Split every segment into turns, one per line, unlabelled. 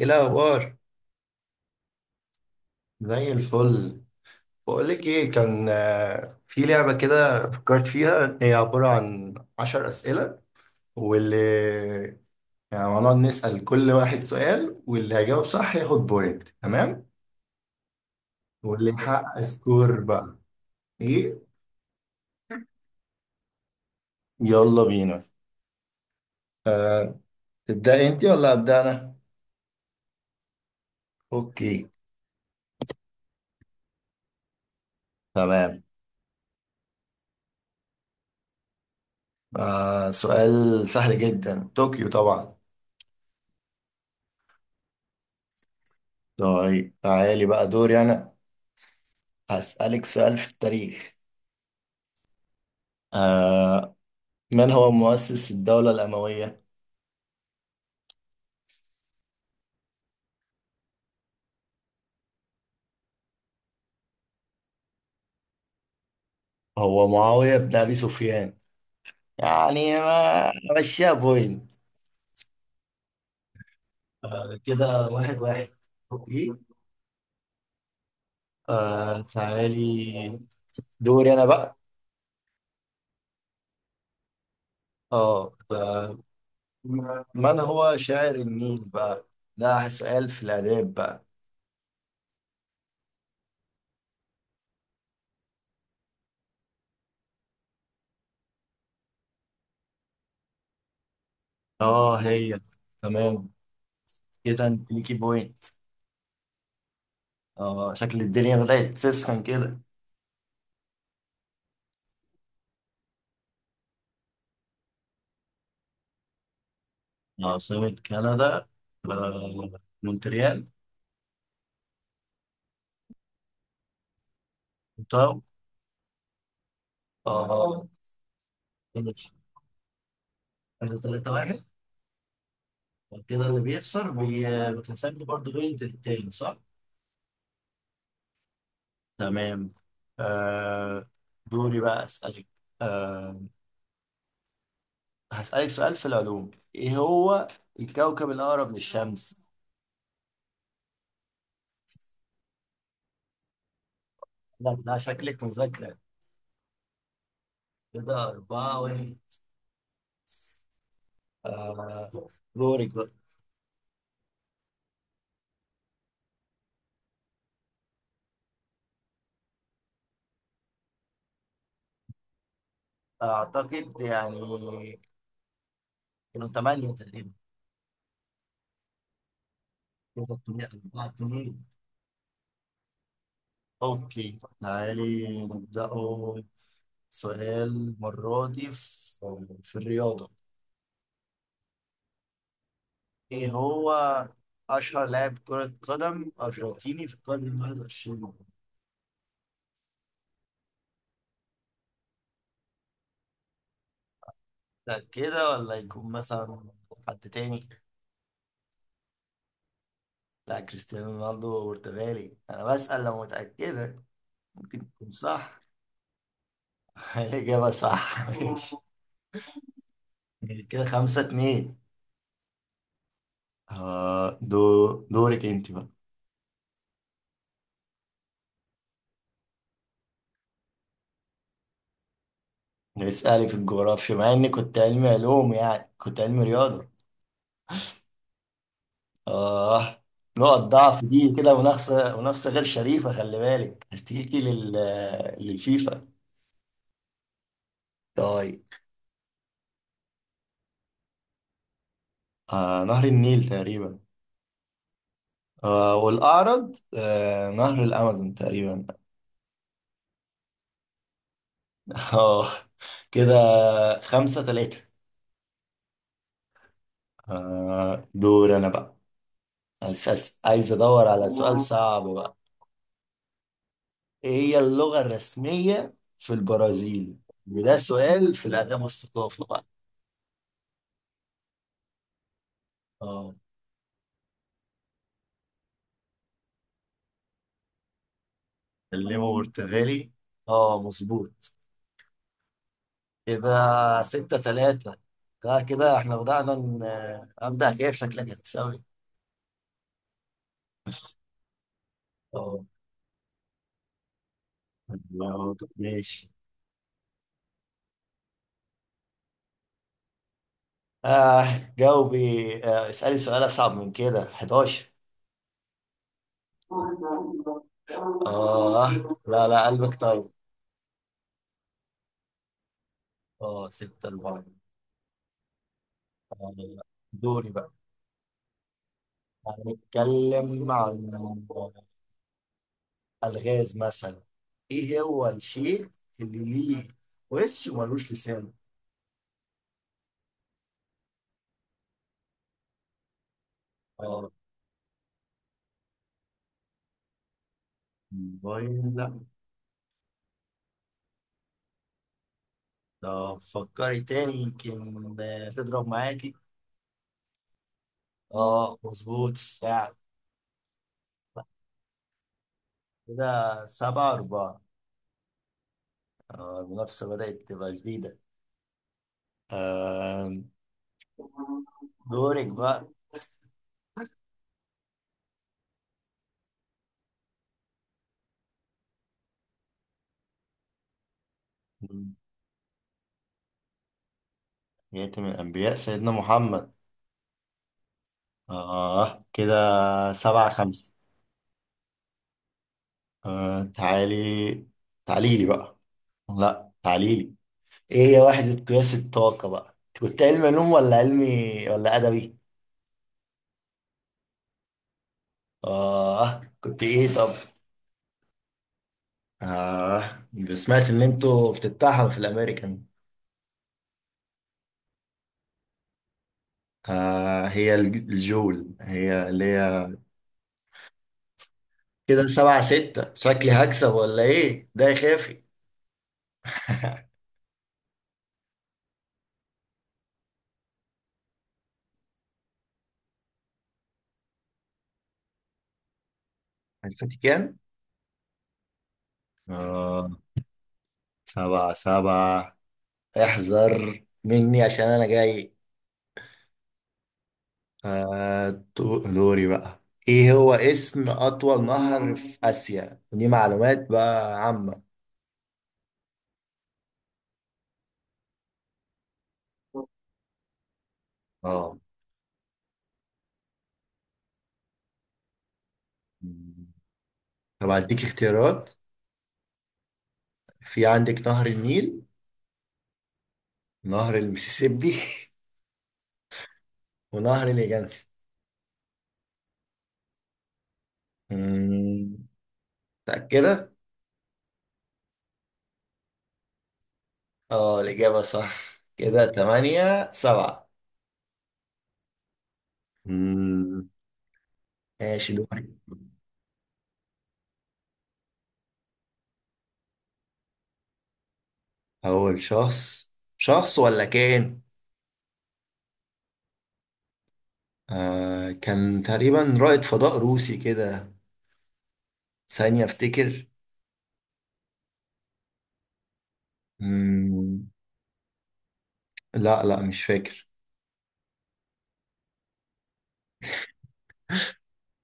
ايه الاخبار؟ زي الفل. بقولك ايه، كان في لعبة كده فكرت فيها، هي عبارة عن عشر أسئلة. واللي يعني هنقعد نسأل كل واحد سؤال، واللي هيجاوب صح ياخد بوينت. تمام. واللي يحقق سكور بقى ايه. يلا بينا. أه. تبدأ انت ولا أبدأ أنا؟ اوكي. تمام. سؤال سهل جدا، طوكيو طبعا. طيب تعالي بقى دوري أنا. هسألك سؤال في التاريخ. آه من هو مؤسس الدولة الأموية؟ هو معاوية بن أبي سفيان. يعني ما مشيها بوينت. كده واحد واحد. أوكي. تعالي، دوري أنا بقى. اه آه، من هو شاعر النيل بقى؟ ده سؤال في الآداب بقى. اه هي. تمام، كده انت ليكي بوينت. اه، شكل الدنيا بدأت تسخن كده. عاصمة كندا، مونتريال. اه اه، ماشي، احنا 3 واحد. وكده اللي بيخسر بتحسب لي برضه بوينت للتاني، صح؟ تمام. آه دوري بقى اسألك. آه هسألك سؤال في العلوم، ايه هو الكوكب الأقرب للشمس؟ لا لا، شكلك مذاكرة. كده أربعة واحد. آه دورك بقى. أعتقد يعني كانوا تمانية تقريبا. أربعة اتنين. أوكي تعالي نبدأه. سؤال المرة دي في الرياضة. إيه هو أشهر لاعب كرة قدم أرجنتيني في القرن الواحد وعشرين؟ ده كده، ولا يكون مثلا حد تاني؟ لا، كريستيانو رونالدو برتغالي، أنا بسأل لو متأكدة، ممكن تكون صح. الإجابة صح، ماشي. كده خمسة اتنين. آه دو دورك أنت بقى. اسألي في الجغرافيا، مع إني كنت علمي علوم، يعني كنت علمي رياضة. آه نقط ضعف دي، كده منافسة منافسة غير شريفة، خلي بالك هشتكي للفيفا. طيب. نهر النيل تقريبا. والأعرض نهر الأمازون تقريبا. آه كده خمسة تلاتة. دور أنا بقى. أساس عايز أدور على سؤال صعب بقى. إيه هي اللغة الرسمية في البرازيل؟ وده سؤال في الآداب والثقافة بقى. آه كلمه برتغالي. مظبوط. كده ستة تلاتة. لا كده، احنا بدأنا أبدأ جايب، شكلك هتكسبني. اه. ماشي. جاوبي. اسألي سؤال أصعب من كده، 11. آه لا لا، قلبك طيب. اه، ستة أربعة. آه، دوري بقى. هنتكلم عن الغاز مثلا. ايه هو الشيء اللي ليه وش وملوش لسان؟ اه. موبايل لا. لو فكري تاني يمكن تضرب معاكي. اه مظبوط، الساعة. كده سبعة أربعة. المنافسة بدأت تبقى جديدة. آه، دورك بقى. يتم الأنبياء سيدنا محمد. كده سبعة خمسة. تعالي، تعالي لي بقى، لا تعالي لي. إيه هي وحدة قياس الطاقة بقى؟ أنت كنت علمي علوم ولا علمي ولا أدبي؟ كنت إيه طب؟ آه سمعت ان انتوا بتتاحوا في الامريكان. هي الجول، هي اللي هي. كده سبعة ستة، شكلي هكسب ولا ايه ده يا خافي. عرفتي كام. آه سبعة سبعة. احذر مني عشان انا جاي. دوري بقى، ايه هو اسم اطول نهر في اسيا؟ ودي معلومات بقى عامة. اه، طب هديك اختيارات. في عندك نهر النيل، نهر المسيسيبي ونهر اليانسي. أمم، متأكدة؟ اه، الإجابة صح، كده تمانية سبعة. أمم، ماشي دوري. أول شخص، شخص ولا كان؟ كان تقريبا رائد فضاء روسي كده، ثانية أفتكر. أمم، لا لا مش فاكر.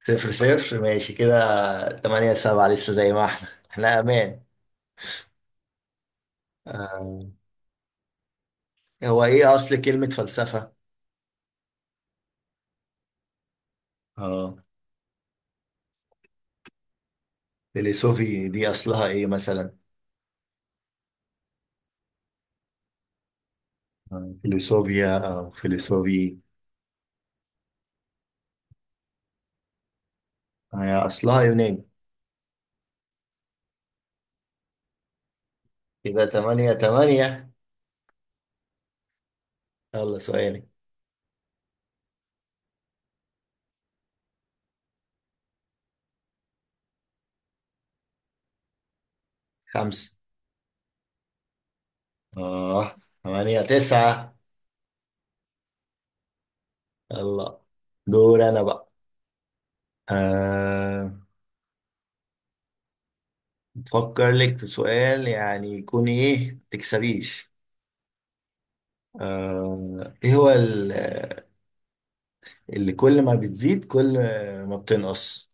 صفر صفر ماشي كده. تمانية سبعة لسه زي ما احنا أمان. آه هو إيه أصل كلمة فلسفة؟ اه، فيلسوفي دي أصلها إيه مثلا؟ فيلسوفيا أو فيلسوفي. هي أصلها يوناني. إذا تمانية تمانية. يلا سؤالي. خمسة. آه تمانية تسعة. يلا دور أنا بقى. آه فكر لك في سؤال يعني يكون إيه ما تكسبيش. إيه هو اللي كل ما بتزيد كل ما بتنقص.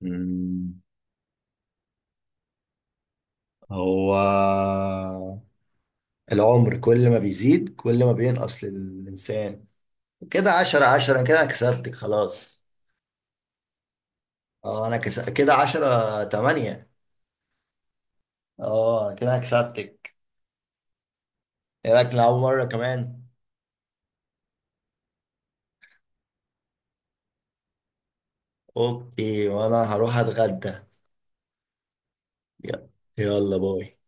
مم، هو العمر، كل ما بيزيد كل ما بينقص للإنسان. كده عشرة عشرة، كده أنا كسبتك خلاص. اه، كده عشرة تمانية. اه كده أنا كسبتك. ايه رأيك نلعب مرة كمان؟ اوكي، وانا هروح اتغدى. يلا. يلا باي.